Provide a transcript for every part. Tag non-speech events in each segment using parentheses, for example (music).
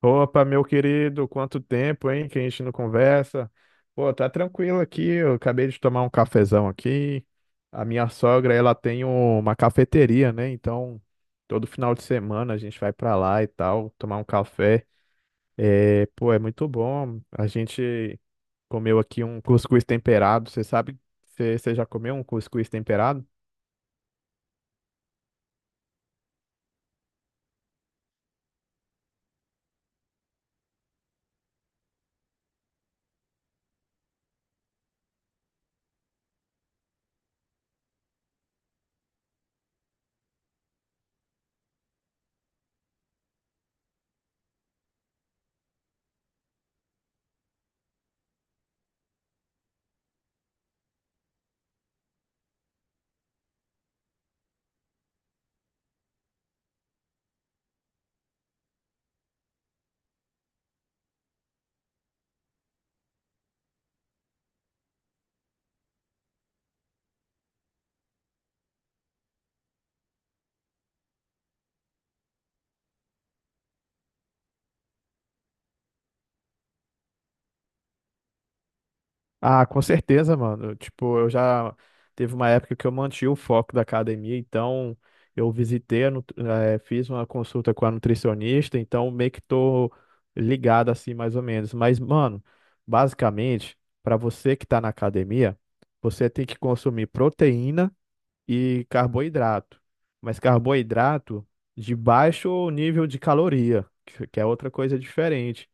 Opa, meu querido, quanto tempo, hein, que a gente não conversa. Pô, tá tranquilo aqui, eu acabei de tomar um cafezão aqui. A minha sogra, ela tem uma cafeteria, né? Então, todo final de semana a gente vai pra lá e tal, tomar um café. É, pô, é muito bom. A gente comeu aqui um cuscuz temperado. Você sabe, você já comeu um cuscuz temperado? Ah, com certeza, mano. Tipo, eu já teve uma época que eu mantive o foco da academia, então eu visitei, fiz uma consulta com a nutricionista, então meio que tô ligado assim, mais ou menos. Mas, mano, basicamente, para você que tá na academia, você tem que consumir proteína e carboidrato. Mas carboidrato de baixo nível de caloria, que é outra coisa diferente.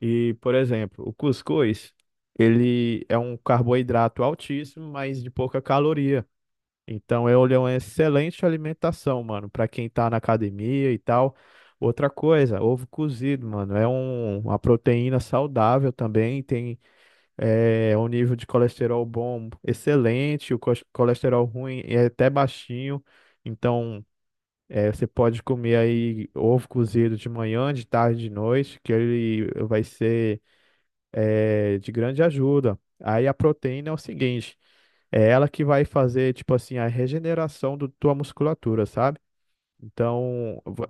E, por exemplo, o cuscuz, ele é um carboidrato altíssimo, mas de pouca caloria. Então, ele é uma excelente alimentação, mano, para quem tá na academia e tal. Outra coisa, ovo cozido, mano, uma proteína saudável também, tem um nível de colesterol bom excelente, o colesterol ruim é até baixinho. Então, é, você pode comer aí ovo cozido de manhã, de tarde, de noite, que ele vai ser de grande ajuda. Aí a proteína é o seguinte, é ela que vai fazer, tipo assim, a regeneração da tua musculatura, sabe? Então,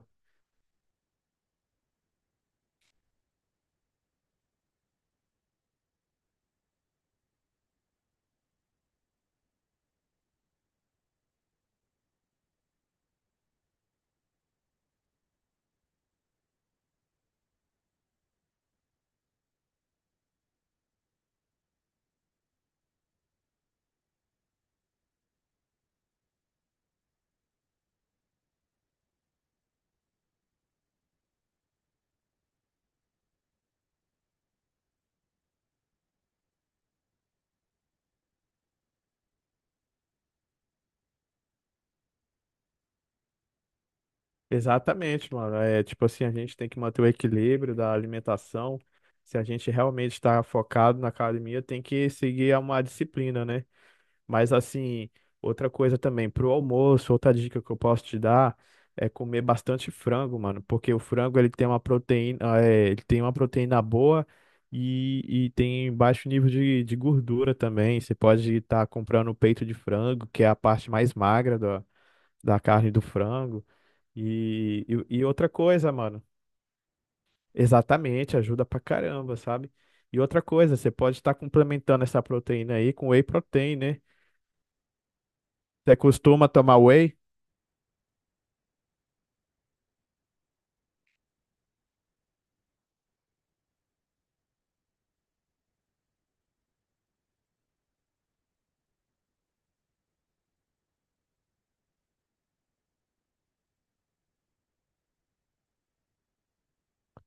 exatamente, mano. É tipo assim, a gente tem que manter o equilíbrio da alimentação. Se a gente realmente está focado na academia, tem que seguir uma disciplina, né? Mas assim, outra coisa também, pro almoço, outra dica que eu posso te dar é comer bastante frango, mano, porque o frango ele tem uma proteína, ele tem uma proteína boa e tem baixo nível de gordura também. Você pode estar comprando o peito de frango, que é a parte mais magra da carne do frango. E outra coisa, mano, exatamente, ajuda pra caramba, sabe? E outra coisa, você pode estar complementando essa proteína aí com whey protein, né? Você costuma tomar whey?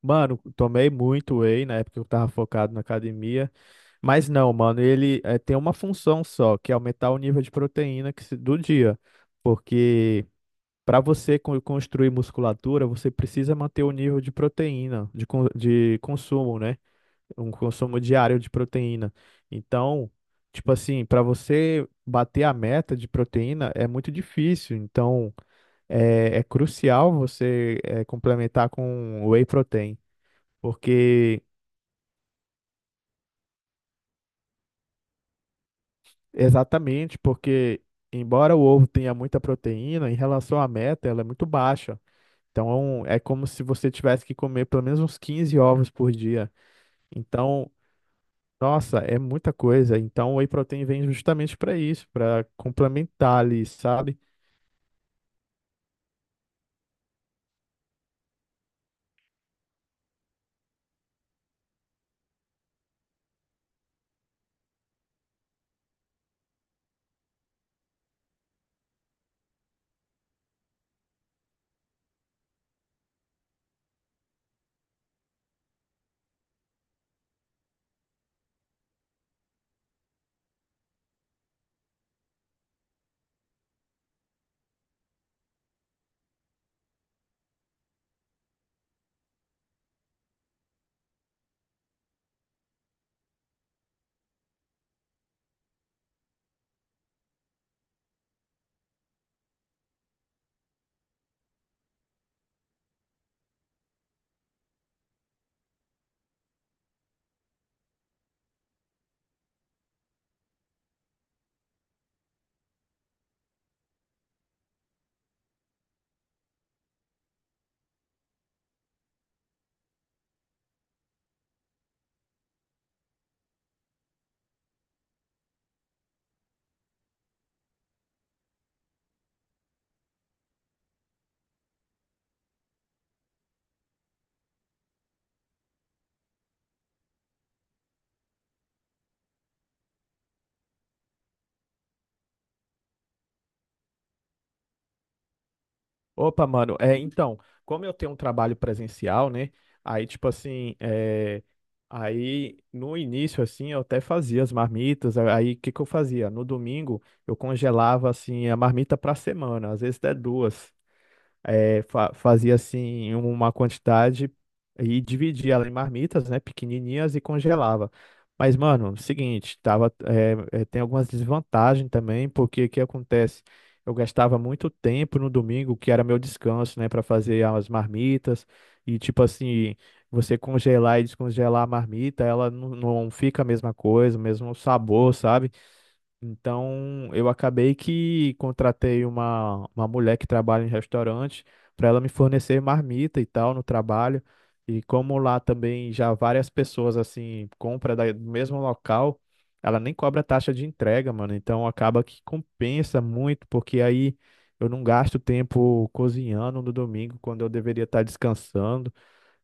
Mano, tomei muito whey na época que eu tava focado na academia, mas não, mano, ele tem uma função só, que é aumentar o nível de proteína que se- do dia, porque para você construir musculatura, você precisa manter o nível de proteína, de consumo, né? Um consumo diário de proteína. Então, tipo assim, para você bater a meta de proteína é muito difícil, então é crucial você complementar com whey protein. Porque, exatamente, porque embora o ovo tenha muita proteína, em relação à meta, ela é muito baixa. Então, é como se você tivesse que comer pelo menos uns 15 ovos por dia. Então, nossa, é muita coisa. Então, o whey protein vem justamente para isso, para complementar ali, sabe? Opa, mano, é, então, como eu tenho um trabalho presencial, né? Aí, tipo assim, é, aí no início, assim, eu até fazia as marmitas. Aí, o que eu fazia? No domingo, eu congelava, assim, a marmita pra semana, às vezes até duas fazia assim uma quantidade e dividia ela em marmitas, né, pequenininhas e congelava. Mas, mano, seguinte, tava, tem algumas desvantagens também, porque o que acontece? Eu gastava muito tempo no domingo, que era meu descanso, né, para fazer as marmitas e tipo assim, você congelar e descongelar a marmita, ela não fica a mesma coisa, o mesmo sabor, sabe? Então, eu acabei que contratei uma mulher que trabalha em restaurante para ela me fornecer marmita e tal no trabalho. E como lá também já várias pessoas assim compra do mesmo local, ela nem cobra taxa de entrega, mano. Então acaba que compensa muito, porque aí eu não gasto tempo cozinhando no domingo quando eu deveria estar descansando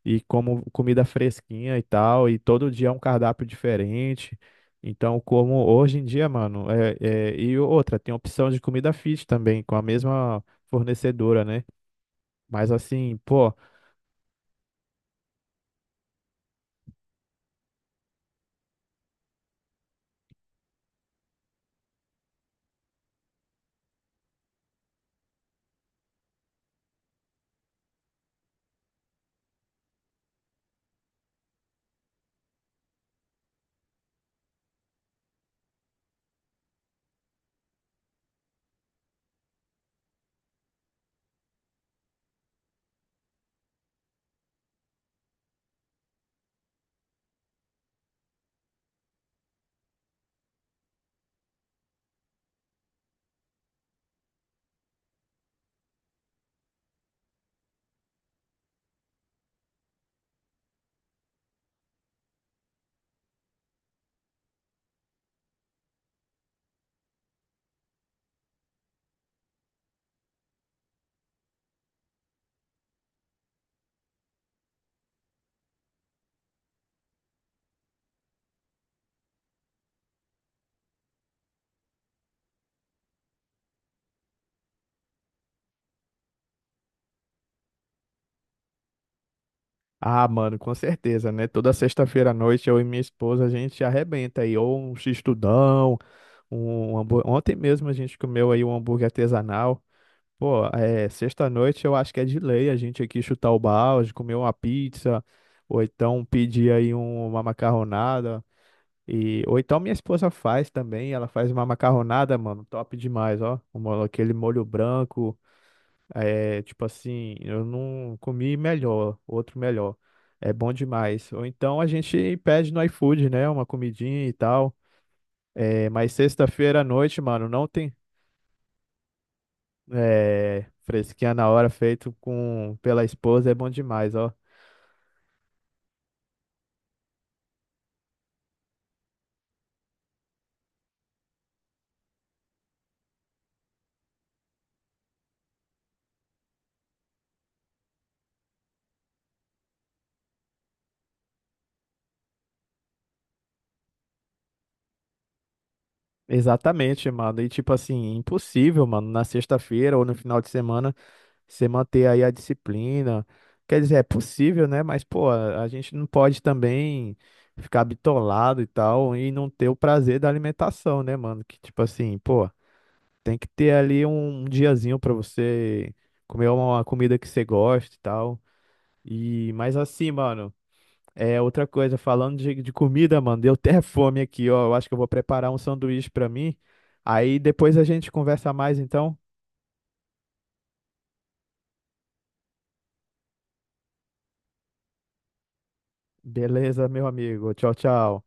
e como comida fresquinha e tal, e todo dia é um cardápio diferente. Então, como hoje em dia, mano, e outra, tem opção de comida fit também, com a mesma fornecedora, né? Mas assim, pô, ah, mano, com certeza, né? Toda sexta-feira à noite eu e minha esposa a gente arrebenta aí, ou um x-tudão, ontem mesmo a gente comeu aí um hambúrguer artesanal. Pô, é, sexta-noite eu acho que é de lei a gente aqui chutar o balde, comer uma pizza, ou então pedir uma macarronada. E, ou então minha esposa faz também, ela faz uma macarronada, mano, top demais, ó. Aquele molho branco, é, tipo assim, eu não comi melhor, outro melhor. É bom demais. Ou então a gente pede no iFood, né, uma comidinha e tal. É, mas sexta-feira à noite, mano, não tem. É, fresquinha na hora, feito com pela esposa, é bom demais, ó. Exatamente, mano. E tipo assim, impossível, mano, na sexta-feira ou no final de semana, você manter aí a disciplina. Quer dizer, é possível, né? Mas, pô, a gente não pode também ficar bitolado e tal e não ter o prazer da alimentação, né, mano? Que tipo assim, pô, tem que ter ali um diazinho pra você comer uma comida que você gosta e tal. E, mas assim, mano. É, outra coisa, falando de comida, mano, deu até (laughs) fome aqui, ó. Eu acho que eu vou preparar um sanduíche pra mim. Aí depois a gente conversa mais, então. Beleza, meu amigo. Tchau, tchau.